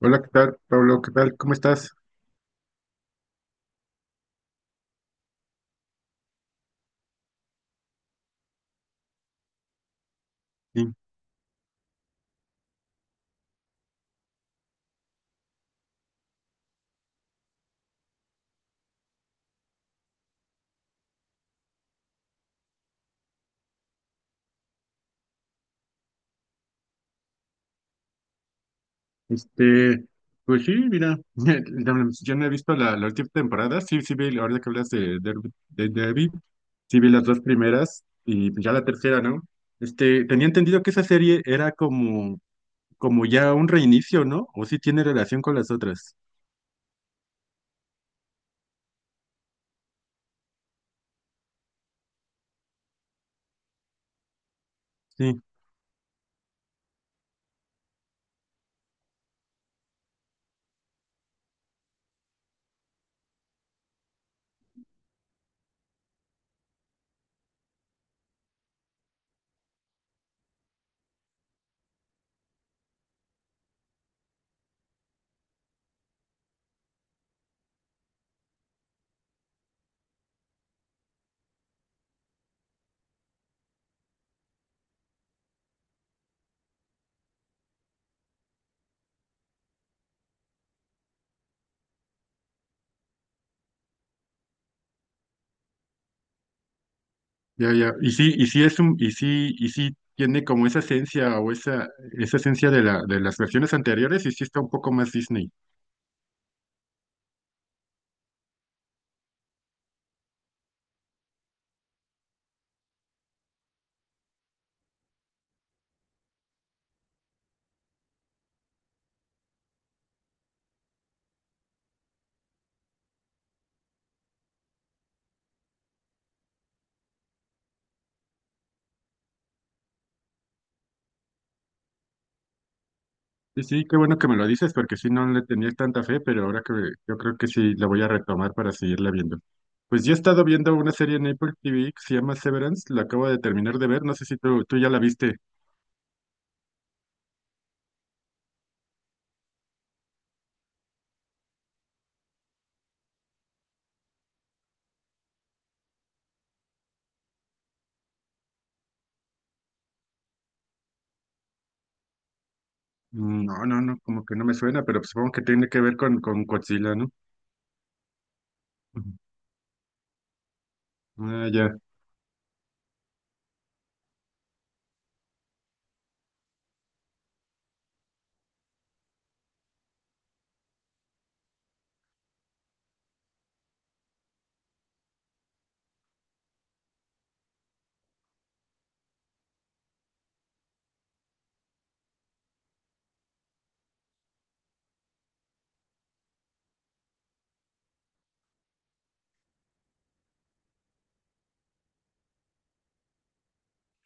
Hola, ¿qué tal, Pablo? ¿Qué tal? ¿Cómo estás? Sí, este, pues sí, mira, yo no he visto la última temporada. Sí, sí vi, ahorita que hablas de Derby, de Derby, sí vi las dos primeras y ya la tercera, ¿no? Este, tenía entendido que esa serie era como, como ya un reinicio, ¿no? O sí tiene relación con las otras. Sí, ya, ya. Y sí es un, y sí tiene como esa esencia o esa esencia de las versiones anteriores y sí está un poco más Disney. Sí, sí, qué bueno que me lo dices, porque sí no le tenía tanta fe, pero ahora que yo creo que sí la voy a retomar para seguirla viendo. Pues yo he estado viendo una serie en Apple TV que se llama Severance, la acabo de terminar de ver, no sé si tú ya la viste. No, no, no, como que no me suena, pero supongo que tiene que ver con Godzilla, ¿no? Ujú. Ah, ya.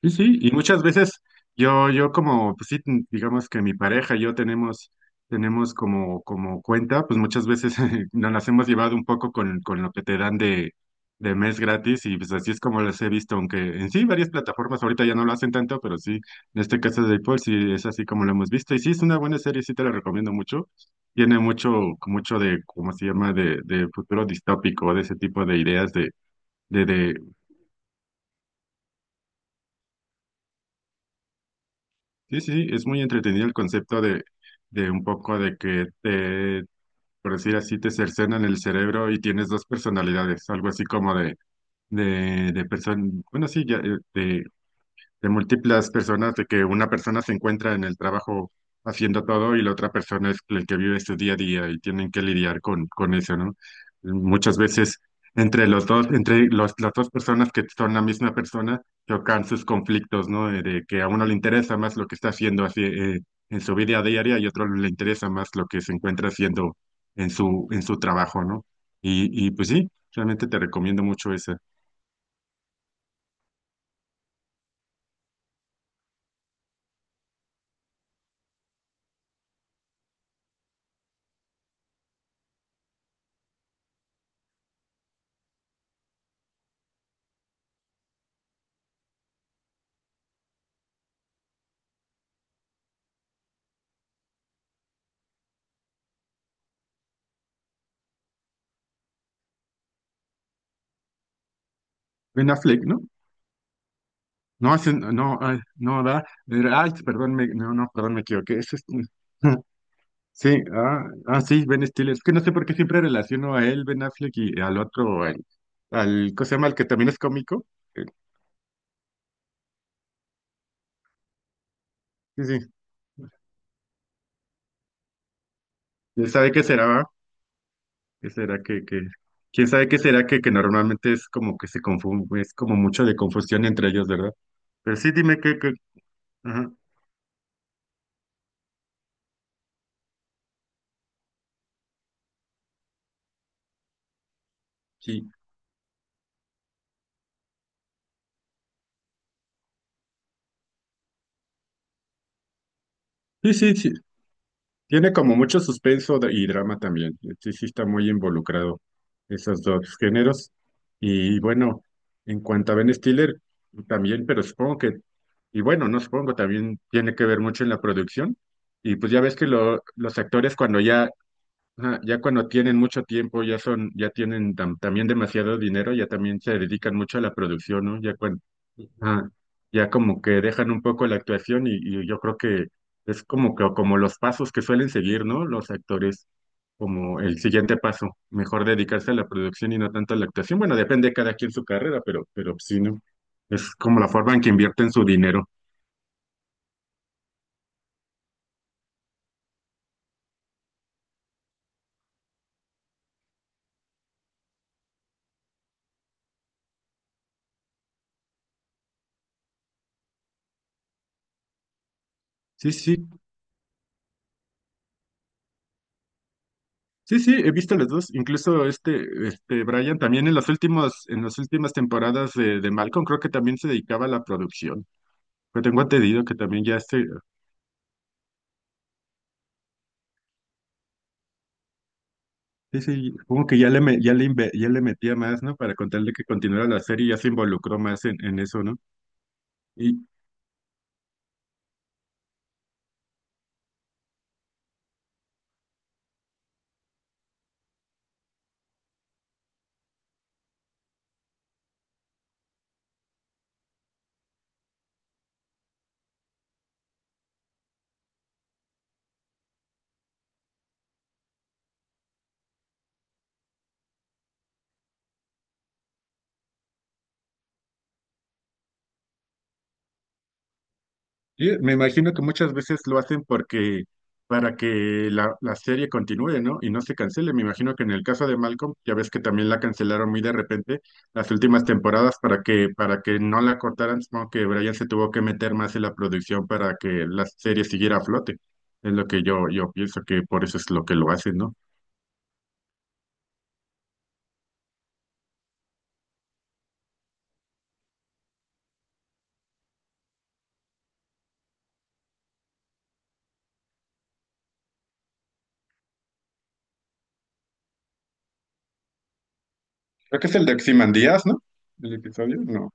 Sí, sí, y muchas veces yo como, pues sí, digamos que mi pareja y yo tenemos, tenemos como, como cuenta, pues muchas veces nos las hemos llevado un poco con lo que te dan de mes gratis y pues así es como las he visto, aunque en sí varias plataformas ahorita ya no lo hacen tanto, pero sí, en este caso de Apple sí es así como lo hemos visto y sí es una buena serie, sí te la recomiendo mucho, tiene mucho, mucho de, ¿cómo se llama?, de futuro distópico, de ese tipo de ideas de. Sí, sí, sí, es muy entretenido el concepto de un poco de que te, por decir así, te cercenan el cerebro y tienes dos personalidades, algo así como de persona, bueno, sí, ya, de múltiples personas, de que una persona se encuentra en el trabajo haciendo todo y la otra persona es el que vive su día a día y tienen que lidiar con eso, ¿no? Muchas veces entre los dos, entre las dos personas que son la misma persona, chocan sus conflictos, ¿no? De que a uno le interesa más lo que está haciendo así, en su vida diaria y a otro le interesa más lo que se encuentra haciendo en su trabajo, ¿no? Y pues sí, realmente te recomiendo mucho esa. Ben Affleck, ¿no? No, ese no, no, ay, no, da. Era- Ay, perdón, no, no, perdón, me equivoqué. Ese es- Sí, ah, ah, sí, Ben Stiller. Es que no sé por qué siempre relaciono a él, Ben Affleck, y al otro, al, ¿cómo se llama? El que también es cómico. Eh, Sí, sí. ¿Quién sabe qué será, va? ¿Qué será quién sabe qué será que normalmente es como que se confunde, es como mucho de confusión entre ellos, ¿verdad? Pero sí, dime ajá, sí. Sí, sí, sí, tiene como mucho suspenso de- y drama también. Sí, sí está muy involucrado esos dos géneros. Y bueno, en cuanto a Ben Stiller, también, pero supongo que, y bueno, no supongo, también tiene que ver mucho en la producción. Y pues ya ves que los actores cuando ya, ajá, ya cuando tienen mucho tiempo, ya son, ya tienen también demasiado dinero, ya también se dedican mucho a la producción, ¿no? Ya ah, ya como que dejan un poco la actuación y yo creo que es como que como los pasos que suelen seguir, ¿no? Los actores, como el siguiente paso, mejor dedicarse a la producción y no tanto a la actuación. Bueno, depende de cada quien su carrera, pero sí, ¿no? Es como la forma en que invierten su dinero. Sí, sí, sí, sí, he visto las dos. Incluso este Brian también en las últimas temporadas de Malcolm creo que también se dedicaba a la producción. Pero tengo entendido que también ya este, sí, sí, como que ya le, ya le, ya le metía más, ¿no? Para contarle que continuara la serie, ya se involucró más en eso, ¿no? Y, y me imagino que muchas veces lo hacen porque, para que la serie continúe, ¿no? Y no se cancele. Me imagino que en el caso de Malcolm, ya ves que también la cancelaron muy de repente las últimas temporadas para que no la cortaran, supongo que Brian se tuvo que meter más en la producción para que la serie siguiera a flote. Es lo que yo pienso que por eso es lo que lo hacen, ¿no? Creo que es el de Ozymandias, ¿no? El episodio, no.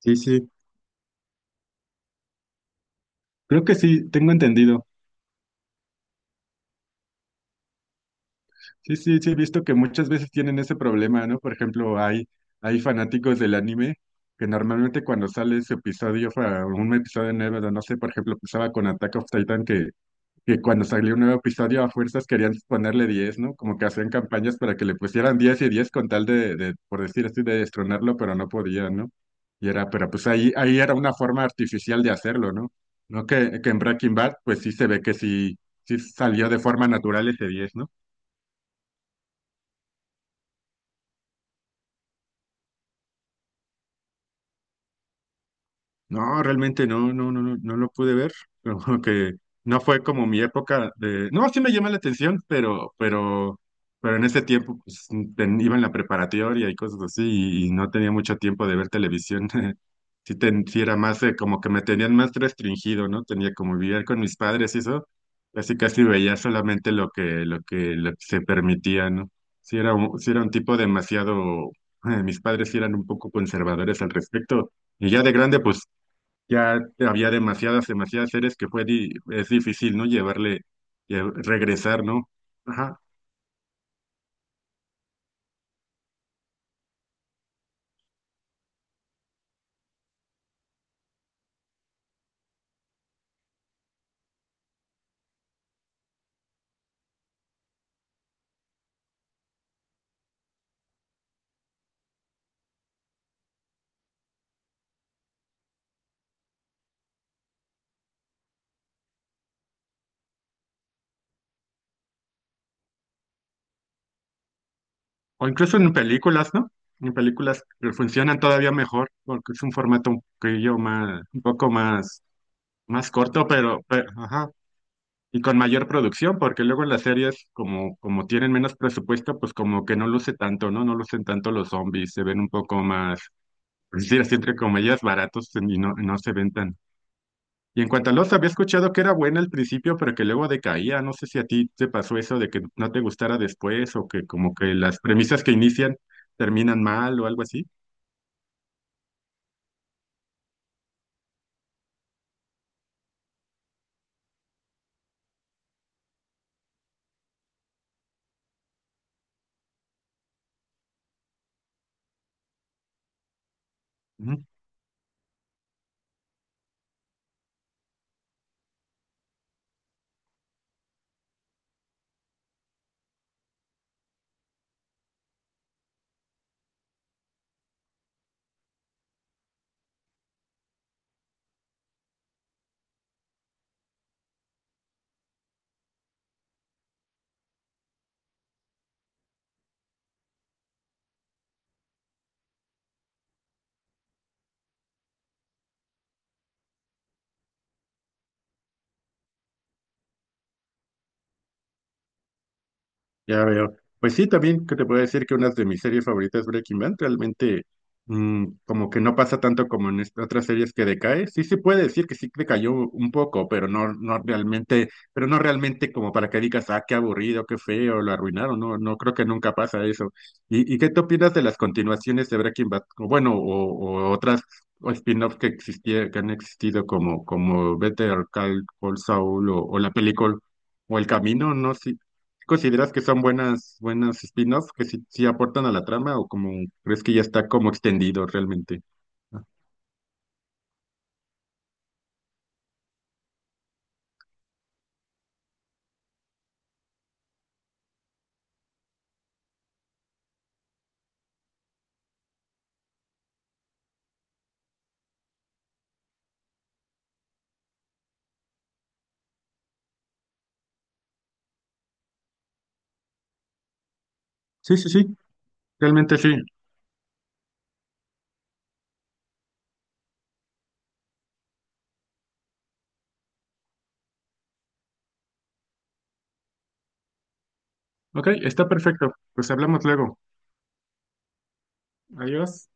Sí, sí, creo que sí, tengo entendido. Sí, sí, sí, he visto que muchas veces tienen ese problema, ¿no? Por ejemplo, hay fanáticos del anime que normalmente cuando sale ese episodio, un episodio nuevo, no sé, por ejemplo, pasaba con Attack of Titan que cuando salió un nuevo episodio a fuerzas querían ponerle 10, ¿no? Como que hacían campañas para que le pusieran 10 y 10 con tal por decir así, de destronarlo, pero no podían, ¿no? Y era, pero pues ahí, ahí era una forma artificial de hacerlo, ¿no? No, que en Breaking Bad, pues sí se ve que sí, sí salió de forma natural ese diez, ¿no? No, realmente no, no, no, no, no lo pude ver. Como que no fue como mi época de. No, sí me llama la atención, pero en ese tiempo pues, iba en la preparatoria y cosas así, y no tenía mucho tiempo de ver televisión. Sí, sí era más como que me tenían más restringido, ¿no? Tenía como vivir con mis padres y eso. Casi casi veía solamente lo que, lo que se permitía, ¿no? Sí era un tipo demasiado. Mis padres sí eran un poco conservadores al respecto. Y ya de grande, pues ya había demasiadas, demasiadas series que fue es difícil, ¿no? Llevarle, regresar, ¿no? Ajá. O incluso en películas, ¿no? En películas que funcionan todavía mejor, porque es un formato un poquillo más, un poco más, más corto, ajá. Y con mayor producción, porque luego en las series, como tienen menos presupuesto, pues como que no luce tanto, ¿no? No lucen tanto los zombies, se ven un poco más, es decir, así entre comillas, baratos y no, no se ven tan. Y en cuanto a Lost, había escuchado que era buena al principio, pero que luego decaía. No sé si a ti te pasó eso de que no te gustara después o que como que las premisas que inician terminan mal o algo así. Ya veo. Pues sí, también que te puedo decir que una de mis series favoritas es Breaking Bad. Realmente, mm, como que no pasa tanto como en otras series que decae. Sí se puede decir que sí decayó un poco, pero no, no realmente, pero no realmente como para que digas, ah, qué aburrido, qué feo, lo arruinaron. No, no creo que nunca pasa eso. Y qué te opinas de las continuaciones de Breaking Bad? O bueno, o otras o spin-offs que existía, que han existido como, como Better Call Saul, o la película. O El Camino, no sé, ¿consideras que son buenas, buenas spin-offs que sí, sí aportan a la trama o como crees que ya está como extendido realmente? Ah, sí, sí, sí, realmente sí. Ok, está perfecto. Pues hablamos luego. Adiós.